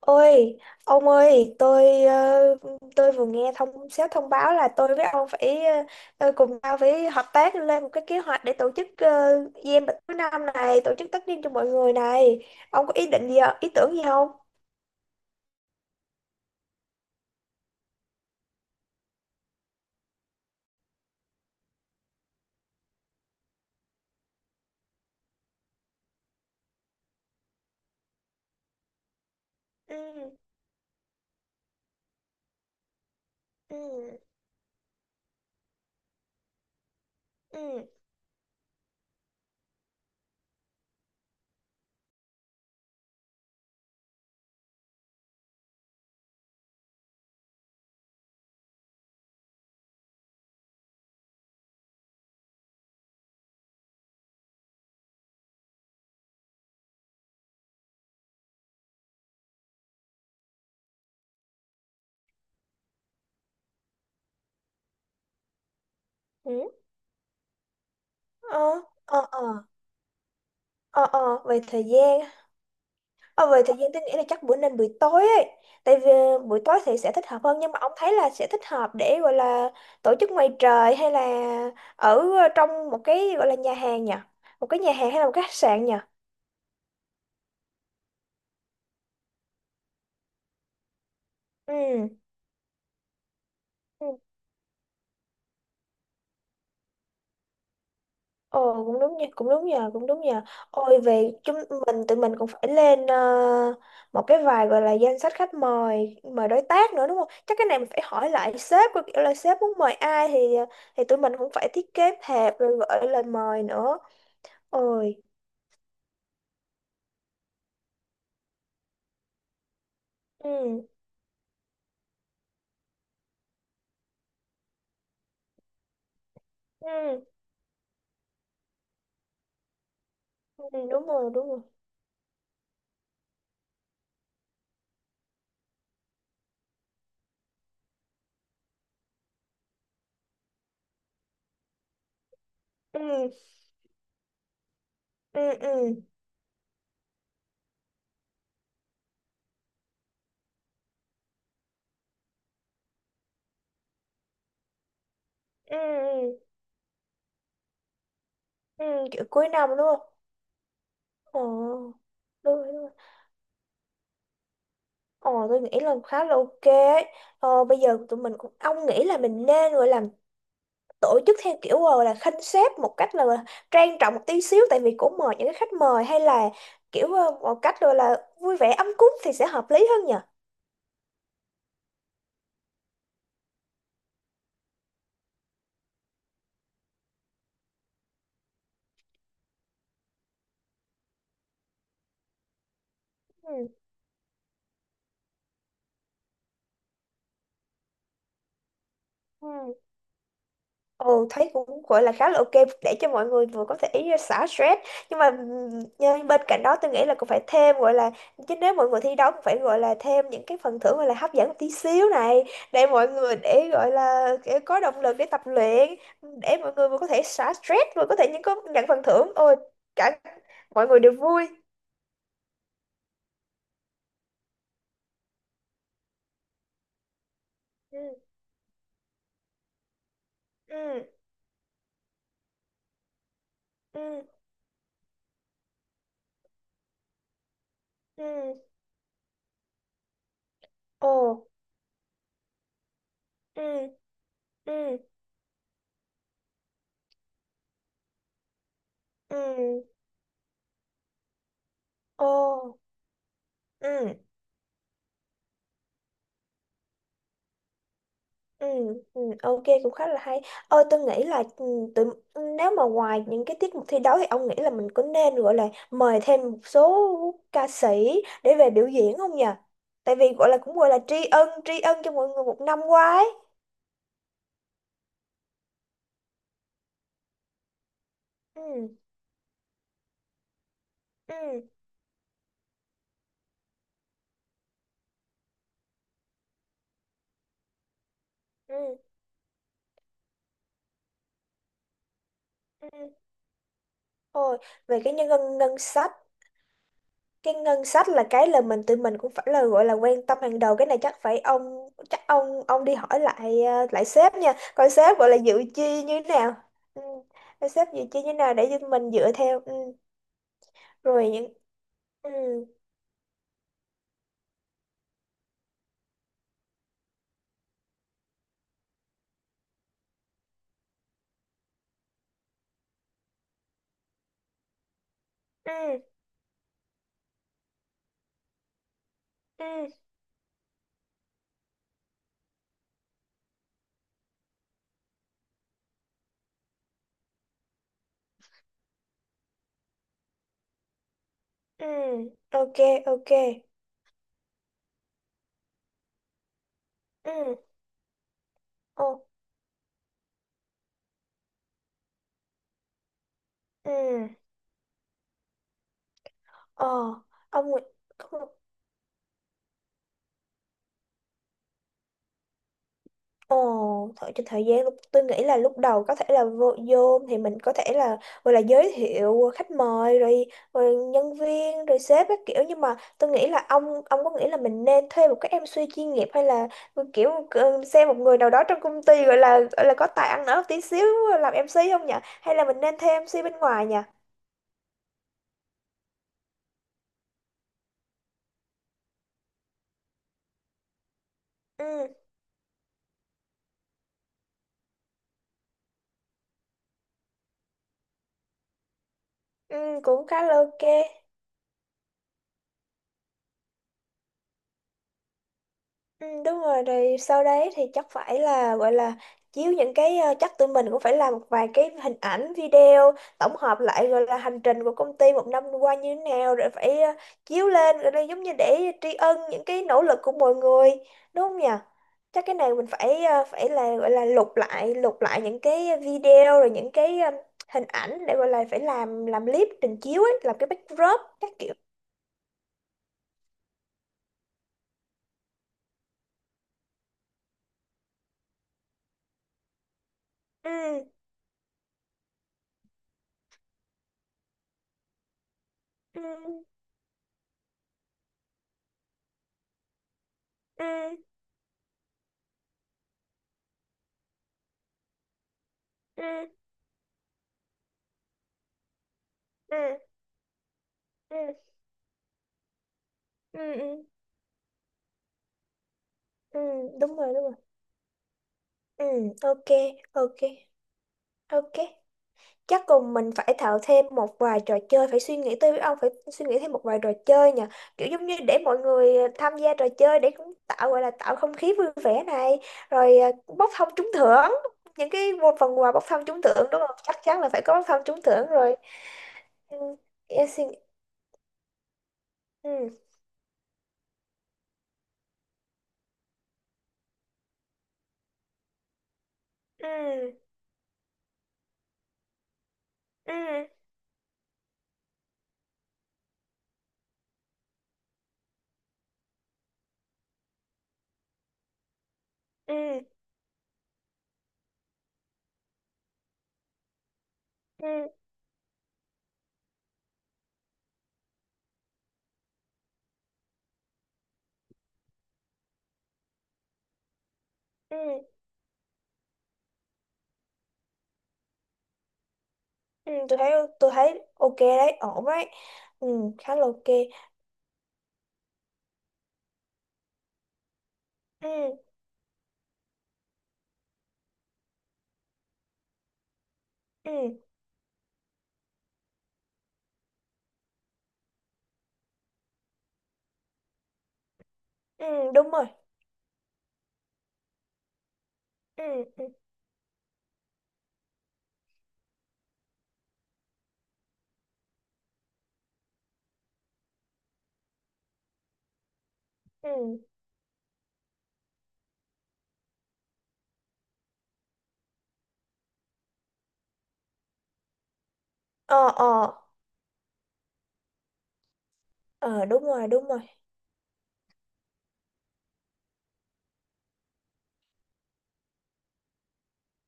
Ôi, ông ơi, tôi vừa nghe thông sếp thông báo là tôi với ông phải cùng nhau phải hợp tác lên một cái kế hoạch để tổ chức game bịch cuối năm này, tổ chức tất niên cho mọi người này. Ông có ý định gì, ạ? Ý tưởng gì không? Ừ, ừ, ừ, ừ, ờ, ờ, ờ, ờ, ờ, về thời gian. Ờ, về thời gian tôi nghĩ là chắc bữa nên buổi tối ấy, tại vì buổi tối thì sẽ thích hợp hơn, nhưng mà ông thấy là sẽ thích hợp để gọi là tổ chức ngoài trời hay là ở trong một cái gọi là nhà hàng nhỉ, một cái nhà hàng hay là một cái khách sạn nhỉ? ừ ừ. Ồ, cũng đúng nha, cũng đúng nhờ, cũng đúng nhờ. Ôi, về chúng mình tụi mình cũng phải lên một cái vài gọi là danh sách khách mời, mời đối tác nữa đúng không? Chắc cái này mình phải hỏi lại sếp coi kiểu là sếp muốn mời ai, thì thì tụi mình cũng phải thiết kế thiệp rồi gửi lời mời nữa. Ôi ừ ừ ừ, Đúng rồi, đúng rồi. ừ ừ ừ ừ ừ ừ, kiểu cuối năm đúng không? Ồ, đúng rồi, đúng rồi. Ồ, tôi nghĩ là khá là ok ấy. Bây giờ tụi mình cũng ông nghĩ là mình nên gọi là tổ chức theo kiểu gọi là khanh xếp một cách là trang trọng một tí xíu, tại vì cũng mời những cái khách mời, hay là kiểu một cách gọi là vui vẻ ấm cúng thì sẽ hợp lý hơn nhỉ. ừ ừ Ừ, thấy cũng gọi là khá là ok, để cho mọi người vừa có thể xả stress, nhưng mà nhưng bên cạnh đó tôi nghĩ là cũng phải thêm gọi là, chứ nếu mọi người thi đấu cũng phải gọi là thêm những cái phần thưởng gọi là hấp dẫn một tí xíu này, để mọi người để gọi là để có động lực để tập luyện, để mọi người vừa có thể xả stress vừa có thể những có nhận phần thưởng, ôi cả mọi người đều vui. Ừ ừ ừ ừ ồ ừ ừ ừ ồ ừ Ừ, ừ, Ok cũng khá là hay. Ôi tôi nghĩ là tụi, nếu mà ngoài những cái tiết mục thi đấu thì ông nghĩ là mình có nên gọi là mời thêm một số ca sĩ để về biểu diễn không nhỉ? Tại vì gọi là cũng gọi là tri ân cho mọi người một năm qua ấy. Ừ, ừ, ừ, ừ. Thôi về cái nhân ngân ngân sách, cái ngân sách là cái là mình tụi mình cũng phải là gọi là quan tâm hàng đầu. Cái này chắc phải ông chắc ông đi hỏi lại lại sếp nha, coi sếp gọi là dự chi như thế nào. ừ. Coi sếp dự chi như thế nào để cho mình dựa theo. Ừ. rồi những ừ. Ừ. Ừ. Ừ. ok ok ừ. Ồ. Ừ. Ờ. Ông Nguyễn- Ồ, thời gian lúc tôi nghĩ là lúc đầu có thể là vô thì mình có thể là gọi là giới thiệu khách mời rồi, rồi nhân viên rồi sếp các kiểu, nhưng mà tôi nghĩ là ông có nghĩ là mình nên thuê một cái em MC chuyên nghiệp, hay là kiểu xem một người nào đó trong công ty gọi là có tài ăn nói một tí xíu làm em MC không nhỉ? Hay là mình nên thuê MC bên ngoài nhỉ? Ừ, ừ Cũng khá là ok. Ừ, đúng rồi, rồi sau đấy thì chắc phải là gọi là chiếu những cái chắc tụi mình cũng phải làm một vài cái hình ảnh video tổng hợp lại, gọi là hành trình của công ty một năm qua như thế nào, rồi phải chiếu lên, rồi đây giống như để tri ân những cái nỗ lực của mọi người đúng không nhỉ? Chắc cái này mình phải phải là gọi là lục lại những cái video, rồi những cái hình ảnh để gọi là phải làm clip trình chiếu ấy, làm cái backdrop các kiểu. Ừ ừ ừ ừ ừ ừ ừ. ừ ừ ừ Đúng rồi, đúng rồi. Ừ ok ok ok Chắc cùng mình phải tạo thêm một vài trò chơi, phải suy nghĩ tới, ông phải suy nghĩ thêm một vài trò chơi nhỉ, kiểu giống như để mọi người tham gia trò chơi để cũng tạo gọi là tạo không khí vui vẻ này, rồi bốc thăm trúng thưởng, những cái một phần quà bốc thăm trúng thưởng đúng không? Chắc chắn là phải có bốc thăm trúng thưởng rồi. Ừ, em suy nghĩ- ừ ừ ừ ừ ừ ừ Ừ, tôi thấy, tôi thấy ok đấy, ổn đấy, ừ, khá là ok. ừ, ừ, ừ, Đúng rồi. ừ, ừ, ừ. ờ ờ ờ Đúng rồi, đúng rồi.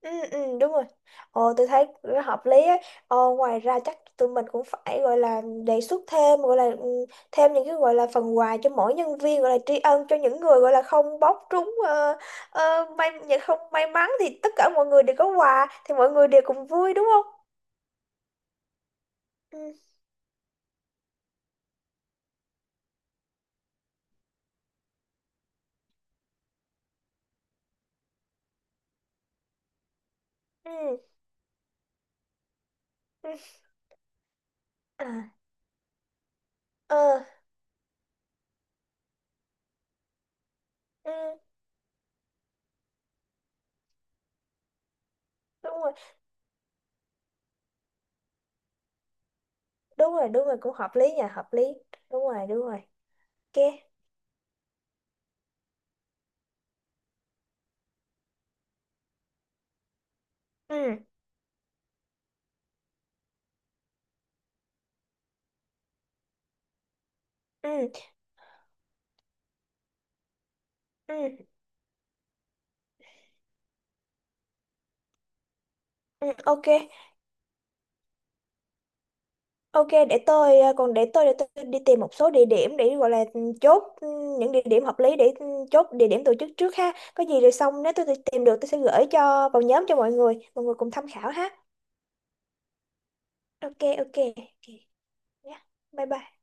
Ừ, Đúng rồi, ờ tôi thấy nó hợp lý ấy. Ngoài ra chắc tụi mình cũng phải gọi là đề xuất thêm gọi là thêm những cái gọi là phần quà cho mỗi nhân viên, gọi là tri ân cho những người gọi là không bóc trúng may, những không may mắn, thì tất cả mọi người đều có quà thì mọi người đều cùng vui đúng không? ừ, ừ, ừ. À. ờ ừ, Đúng rồi, đúng rồi, đúng rồi, cũng hợp lý nha, hợp lý, đúng rồi, đúng rồi. ok ừ ừ ừ ừ ok, ok, để tôi để tôi đi tìm một số địa điểm để gọi là những địa điểm hợp lý để chốt địa điểm tổ chức trước ha, có gì rồi xong nếu tôi tìm được tôi sẽ gửi cho vào nhóm cho mọi người, mọi người cùng tham khảo ha. Ok, ok, ok, yeah, bye bye.